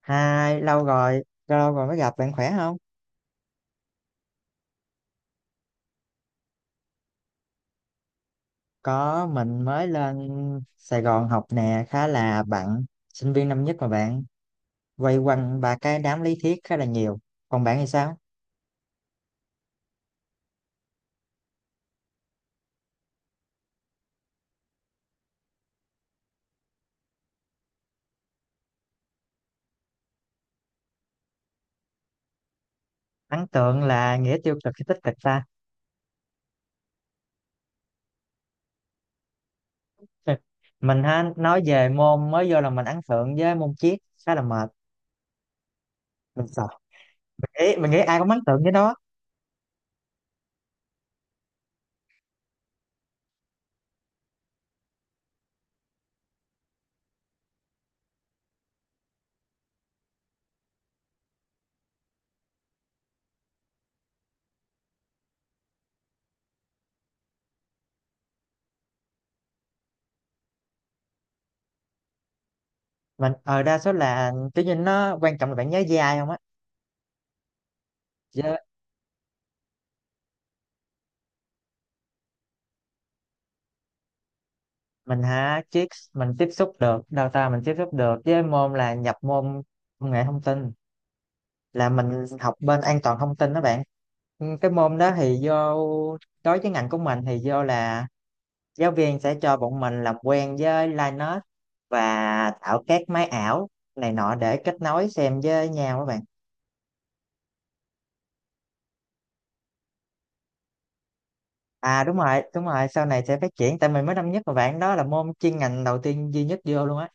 Hai, lâu rồi mới gặp, bạn khỏe không? Có, mình mới lên Sài Gòn học nè, khá là bận, sinh viên năm nhất mà bạn, quay quanh ba cái đám lý thuyết khá là nhiều. Còn bạn thì sao? Ấn tượng là nghĩa tiêu cực hay tích cực ta? Mình ha, nói về môn mới vô là mình ấn tượng với môn triết, khá là mệt, mình sợ. Mình nghĩ, ai cũng ấn tượng với nó. Mình, đa số là, tự nhiên nó quan trọng là bạn nhớ với ai không á. Chứ mình hả, chiếc mình tiếp xúc được đào tạo, mình tiếp xúc được với môn là nhập môn công nghệ thông tin, là mình học bên an toàn thông tin đó bạn. Ừ, cái môn đó thì do, đối với ngành của mình thì do là giáo viên sẽ cho bọn mình làm quen với Linux và tạo các máy ảo này nọ để kết nối xem với nhau các bạn. À, đúng rồi đúng rồi, sau này sẽ phát triển tại mình mới năm nhất mà bạn, đó là môn chuyên ngành đầu tiên duy nhất vô luôn á,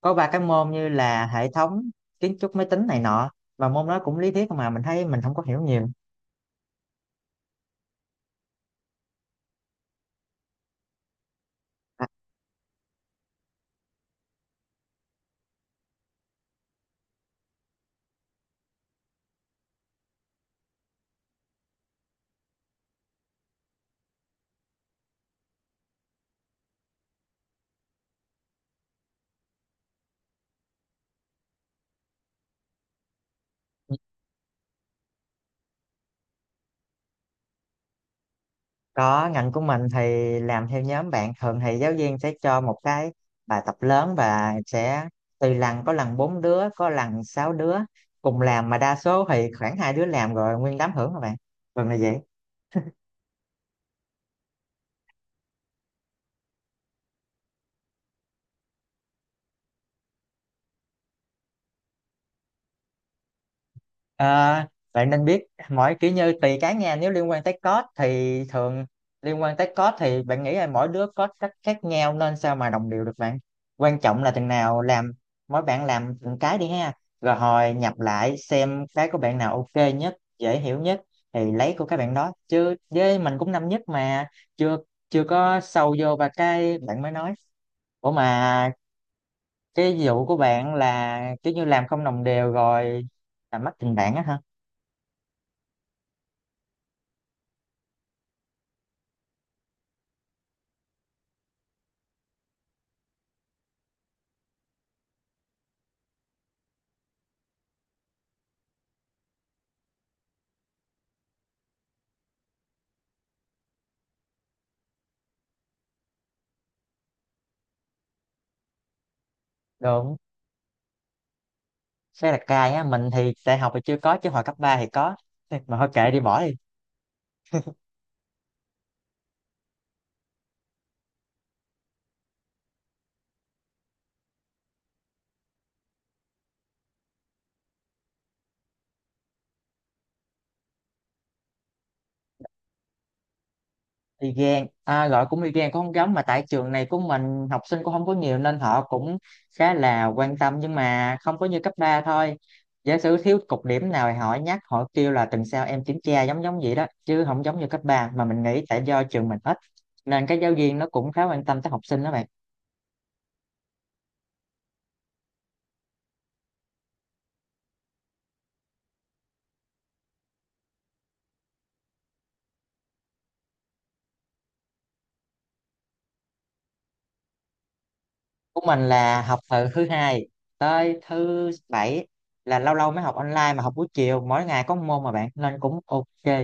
có ba cái môn như là hệ thống, kiến trúc máy tính này nọ, và môn đó cũng lý thuyết mà mình thấy mình không có hiểu nhiều. À, có, ngành của mình thì làm theo nhóm bạn, thường thì giáo viên sẽ cho một cái bài tập lớn và sẽ tùy lần, có lần bốn đứa có lần sáu đứa cùng làm, mà đa số thì khoảng hai đứa làm rồi nguyên đám hưởng các bạn, thường là vậy. À, bạn nên biết, mỗi kiểu như tùy cá nhân, nếu liên quan tới code thì thường, liên quan tới code thì bạn nghĩ là mỗi đứa code cách khác nhau nên sao mà đồng đều được bạn, quan trọng là từng nào làm. Mỗi bạn làm từng cái đi ha, rồi hồi nhập lại xem cái của bạn nào ok nhất, dễ hiểu nhất thì lấy của các bạn đó. Chứ với mình cũng năm nhất mà chưa chưa có sâu vô. Và cái bạn mới nói, ủa mà, cái vụ của bạn là kiểu như làm không đồng đều rồi làm mất tình bạn á hả? Được. Xe đặt cài á, mình thì đại học thì chưa có, chứ hồi cấp 3 thì có. Thì mà thôi kệ đi, bỏ đi. Y gan à, gọi cũng y gan cũng không giống mà, tại trường này của mình học sinh cũng không có nhiều nên họ cũng khá là quan tâm, nhưng mà không có như cấp 3 thôi. Giả sử thiếu cục điểm nào thì họ nhắc, họ kêu là tuần sau em kiểm tra, giống giống vậy đó chứ không giống như cấp ba, mà mình nghĩ tại do trường mình ít nên các giáo viên nó cũng khá quan tâm tới học sinh đó bạn. Của mình là học từ thứ hai tới thứ bảy, là lâu lâu mới học online mà học buổi chiều, mỗi ngày có một môn mà bạn nên cũng ok.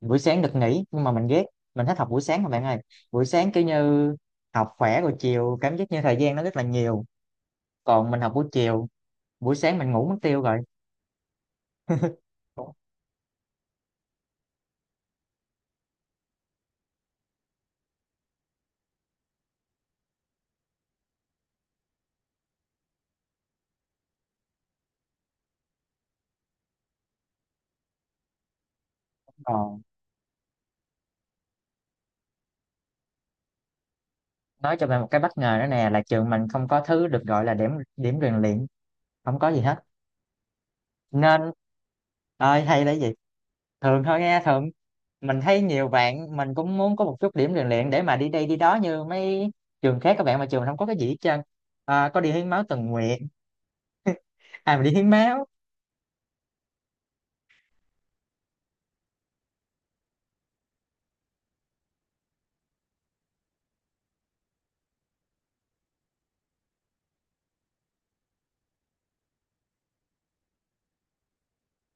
Buổi sáng được nghỉ nhưng mà mình ghét, mình thích học buổi sáng mà bạn ơi. Buổi sáng kiểu như học khỏe, rồi chiều cảm giác như thời gian nó rất là nhiều. Còn mình học buổi chiều, buổi sáng mình ngủ mất tiêu rồi. Còn, nói cho bạn một cái bất ngờ nữa nè, là trường mình không có thứ được gọi là điểm, điểm rèn luyện, không có gì hết, nên ơi hay là gì, thường thôi nghe, thường. Mình thấy nhiều bạn mình cũng muốn có một chút điểm rèn luyện để mà đi đây đi đó như mấy trường khác các bạn, mà trường mình không có cái gì hết trơn. À, có đi hiến máu tình nguyện, à mình đi hiến máu.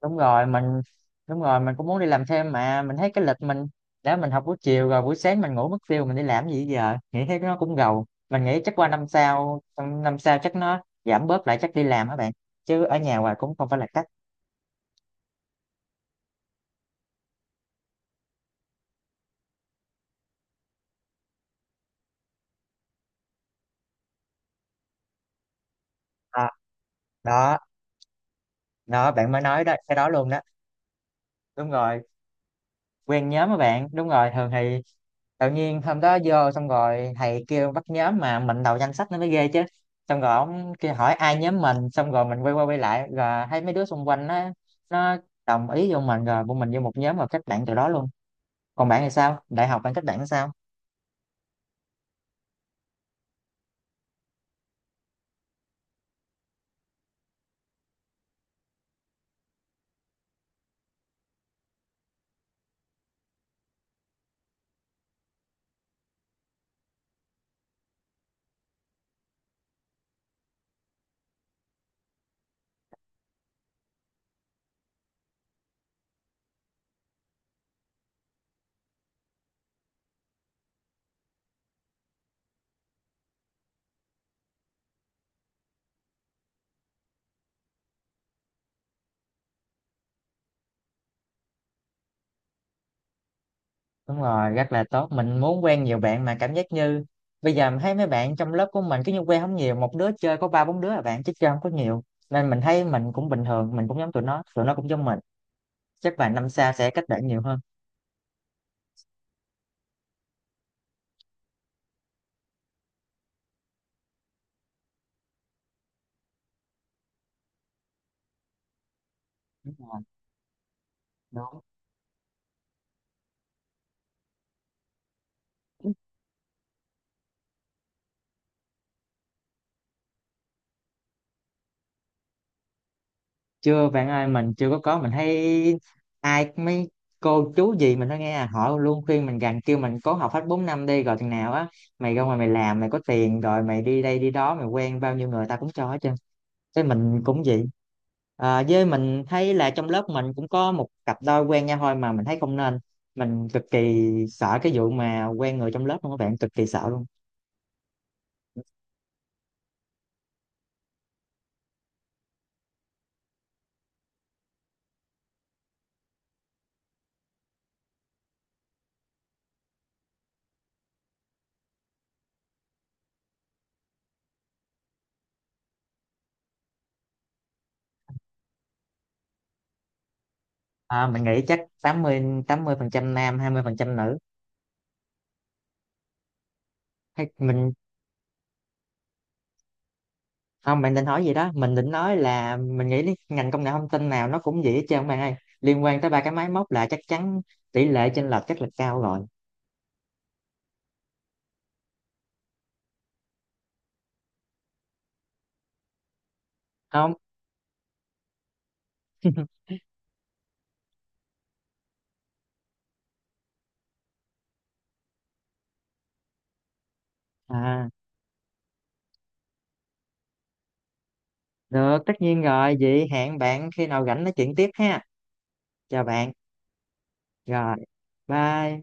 Đúng rồi mình đúng rồi mình cũng muốn đi làm thêm, mà mình thấy cái lịch mình, đã mình học buổi chiều rồi buổi sáng mình ngủ mất tiêu, mình đi làm gì giờ, nghĩ thấy nó cũng gầu. Mình nghĩ chắc qua năm sau, năm năm sau chắc nó giảm bớt lại, chắc đi làm các bạn, chứ ở nhà hoài cũng không phải là cách. À, đó đó, bạn mới nói đó, cái đó luôn đó. Đúng rồi, quen nhóm các bạn, đúng rồi, thường thì tự nhiên hôm đó vô xong rồi thầy kêu bắt nhóm mà mình đầu danh sách nó mới ghê chứ, xong rồi ông kia hỏi ai nhóm mình, xong rồi mình quay qua quay lại rồi thấy mấy đứa xung quanh nó đồng ý vô mình, rồi bọn mình vô một nhóm và kết bạn từ đó luôn. Còn bạn thì sao, đại học bạn kết bạn sao? Đúng rồi, rất là tốt, mình muốn quen nhiều bạn mà cảm giác như bây giờ mình thấy mấy bạn trong lớp của mình cứ như quen không nhiều, một đứa chơi có ba bốn đứa là bạn chứ chơi không có nhiều, nên mình thấy mình cũng bình thường, mình cũng giống tụi nó cũng giống mình. Chắc bạn năm sau sẽ cách đẩy nhiều hơn. Đúng rồi. đúng Chưa bạn ơi, mình chưa có. Mình thấy ai, mấy cô chú gì mình nói nghe à, họ luôn khuyên mình rằng, kêu mình cố học hết 4 năm đi, rồi chừng nào á mày ra ngoài mày làm mày có tiền rồi mày đi đây đi đó, mày quen bao nhiêu người ta cũng cho hết trơn, thế mình cũng vậy. À, với mình thấy là trong lớp mình cũng có một cặp đôi quen nhau thôi mà mình thấy không nên, mình cực kỳ sợ cái vụ mà quen người trong lớp luôn các bạn, cực kỳ sợ luôn. À, mình nghĩ chắc tám mươi phần trăm nam, 20% nữ. Hay mình, không, bạn định hỏi gì đó, mình định nói là mình nghĩ đến ngành công nghệ thông tin nào nó cũng vậy hết trơn bạn ơi, liên quan tới ba cái máy móc là chắc chắn tỷ lệ chênh lệch chắc là cao rồi. Không. À, được, tất nhiên rồi, vậy hẹn bạn khi nào rảnh nói chuyện tiếp ha. Chào bạn. Rồi. Bye.